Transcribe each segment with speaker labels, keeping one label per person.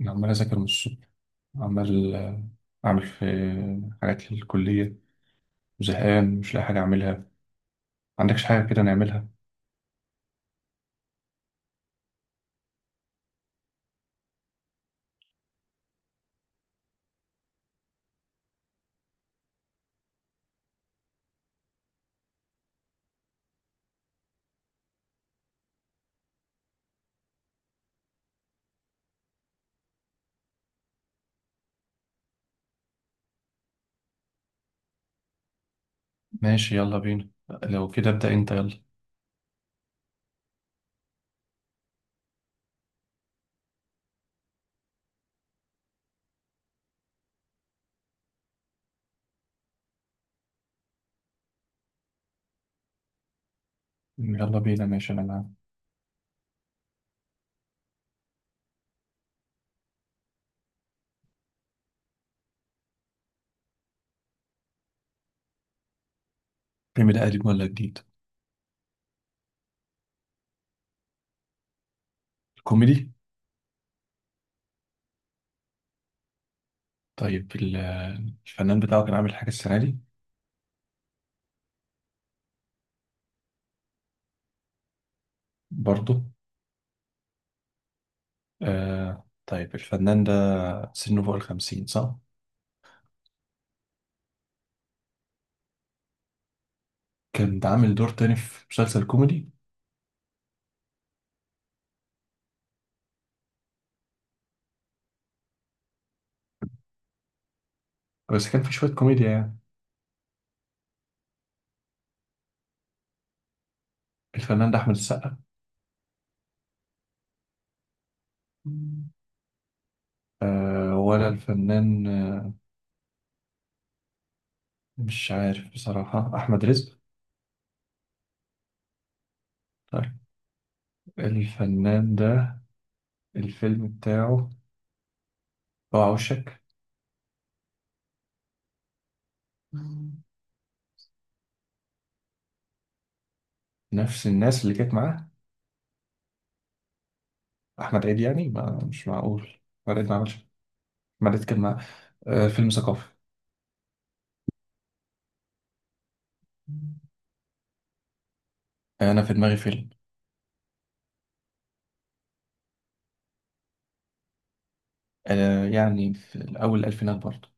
Speaker 1: عمال أذاكر من الصبح عمال أعمل في حاجات للكلية وزهقان مش لاقي حاجة أعملها. عندكش حاجة كده نعملها؟ ماشي، يلا بينا لو كده، ابدأ أنت يلا. يلا بينا ماشي، أنا معاك. الفيلم ده قديم ولا جديد؟ كوميدي؟ طيب الفنان بتاعه كان عامل حاجة السنة دي؟ برضه؟ آه طيب الفنان ده سنه فوق الخمسين صح؟ كان ده عامل دور تاني في مسلسل كوميدي؟ بس كان في شوية كوميديا يعني. الفنان ده أحمد السقا؟ آه ولا الفنان، مش عارف بصراحة، أحمد رزق؟ طيب الفنان ده الفيلم بتاعه بقى وشك. مم. نفس الناس اللي كانت معاه؟ أحمد عيد يعني؟ ما مش معقول، أحمد عيد ما عملش. أحمد عيد كان معاه؟ آه فيلم ثقافي. مم. أنا في دماغي فيلم. آه يعني في أول الألفينات برضه.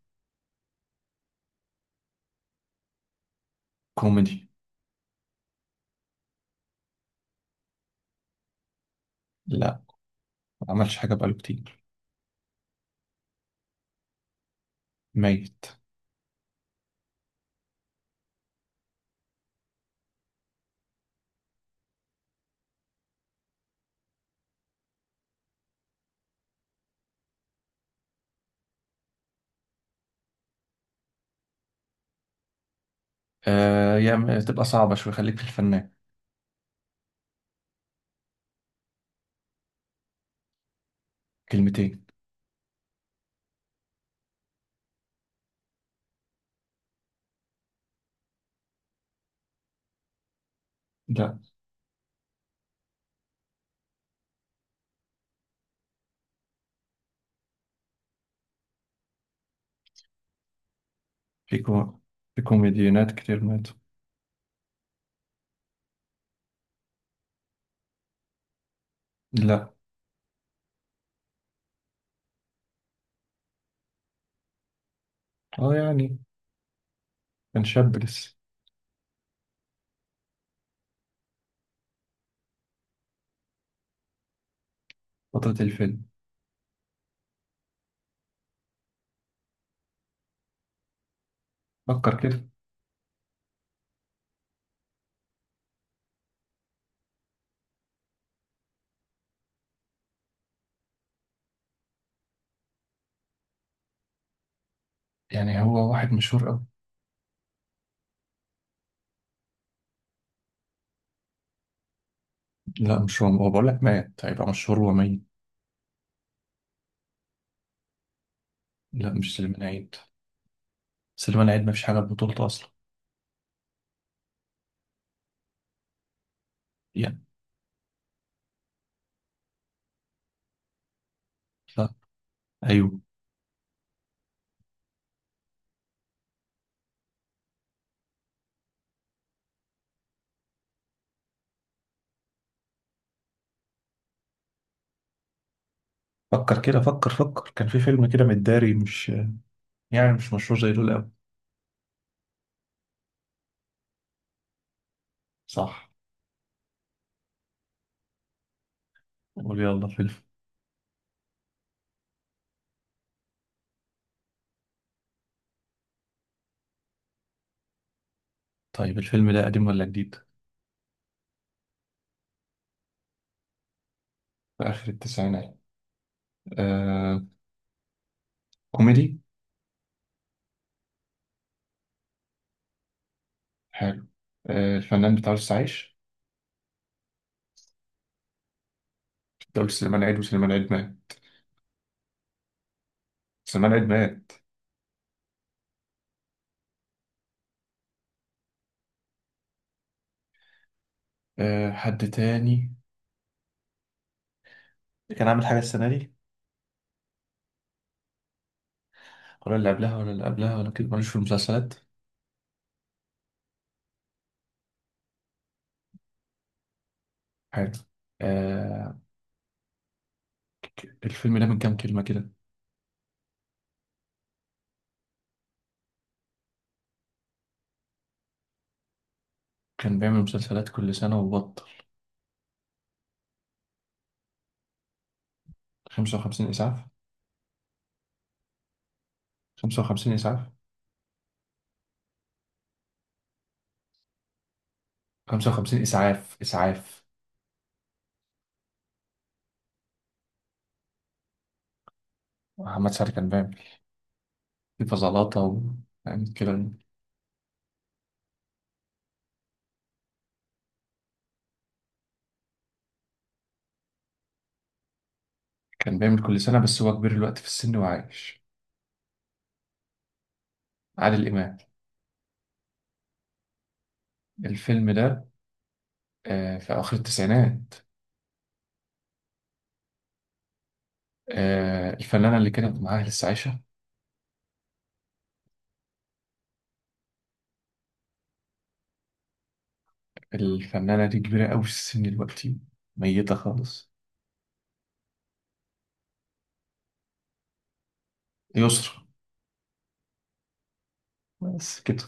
Speaker 1: كوميدي. لا، ما عملش حاجة بقاله كتير. ميت. آه يعني تبقى صعبة شوية، خليك في الفنان. كلمتين. لا. في كو... في كوميديانات كتير ماتوا. لا. اه يعني كان شاب لسه. فترة الفيلم، فكر كده. يعني هو واحد مشهور أوي. لا مش هو، هو بقول لك مات هيبقى مشهور، هو ميت. لا مش سليمان عيد. سليمان عيد ما فيش حاجة ببطولته أصلا. يعني. لا. أيوه. فكر كده، فكر فكر، كان في فيلم كده متداري، مش يعني مش مشهور زي دول أوي. صح. قول يلا فيلم. طيب الفيلم ده قديم ولا جديد؟ في آخر التسعينات؟ آه. كوميدي؟ حلو. آه الفنان بتاع عايش؟ ده قلت سليمان عيد وسليمان عيد مات. سليمان عيد مات. آه حد تاني اللي كان عامل حاجة السنة دي؟ ولا اللي قبلها ولا اللي قبلها ولا كده، ماليش في المسلسلات. حلو. آه. الفيلم ده من كام كلمة كده؟ كان بيعمل مسلسلات كل سنة وبطل. 55 إسعاف. 55 إسعاف. 55 إسعاف، إسعاف. محمد سعد كان بيعمل في فزلاطة يعني كده. كان بيعمل كل سنة، بس هو كبير الوقت في السن وعايش. عادل إمام. الفيلم ده آه في آخر التسعينات. آه الفنانة اللي كانت معاه لسه عايشة؟ الفنانة دي كبيرة أوي في السن دلوقتي، ميتة خالص. يسرا. بس كده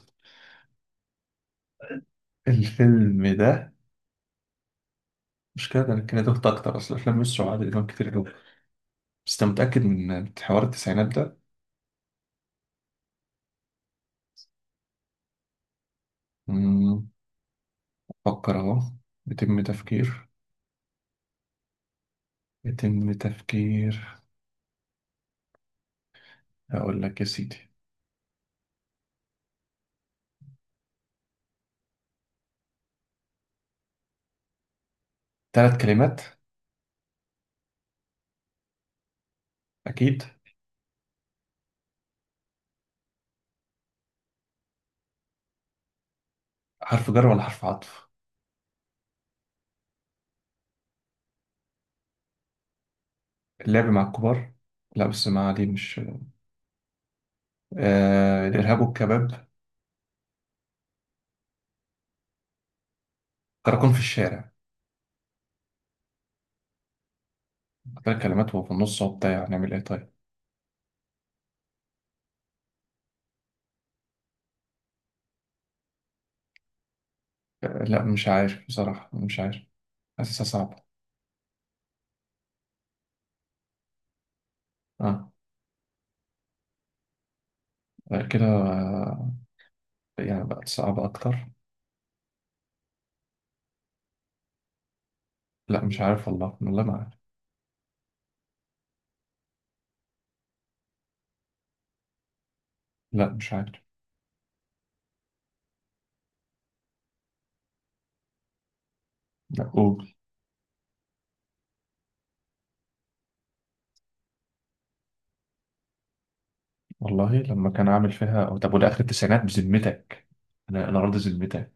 Speaker 1: الفيلم ده؟ مش كده ده، أنا كان دخت اكتر، اصل افلام يسرا وعادل امام كتير قوي. بس انت متاكد من حوار التسعينات ده؟ مم، فكر اهو. يتم تفكير، يتم تفكير. اقول لك يا سيدي، ثلاث كلمات اكيد. حرف جر ولا حرف عطف؟ اللعب مع الكبار؟ لا بس ما دي مش. آه الارهاب والكباب؟ كراكون في الشارع؟ ثلاث كلمات وهو في النص وبتاع، نعمل ايه طيب. لا مش عارف بصراحه، مش عارف، حاسسها صعبه. اه. غير كده؟ يعني بقت صعبة أكتر. لا مش عارف والله، والله ما عارف. لا مش عارف. لا قول. والله لما كان عامل فيها، أو طب وده آخر التسعينات بذمتك؟ أنا راضي ذمتك.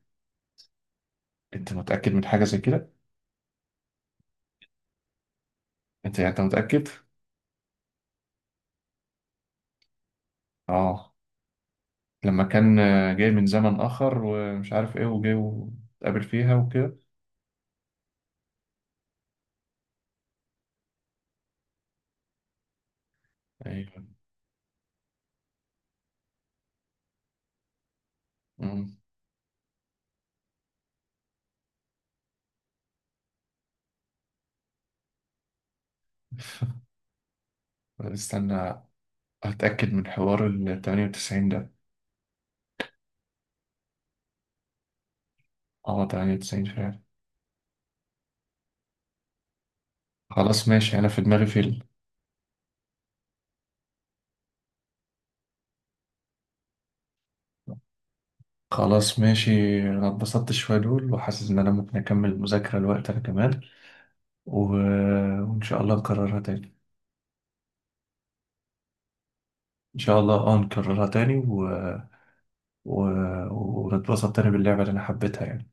Speaker 1: أنت متأكد من حاجة زي كده؟ أنت متأكد؟ آه لما كان جاي من زمن آخر ومش عارف إيه وجاي واتقابل فيها وكده. أيوه. أمم. استنى أتأكد من حوار ال 98 ده. آه 98 فعلا. خلاص ماشي أنا في دماغي فيلم. خلاص ماشي، انا اتبسطت شوية، دول وحاسس ان انا ممكن اكمل المذاكرة الوقت، انا كمان و... وان شاء الله نكررها تاني. ان شاء الله اه نكررها تاني و... ونتبسط تاني باللعبة اللي انا حبيتها يعني.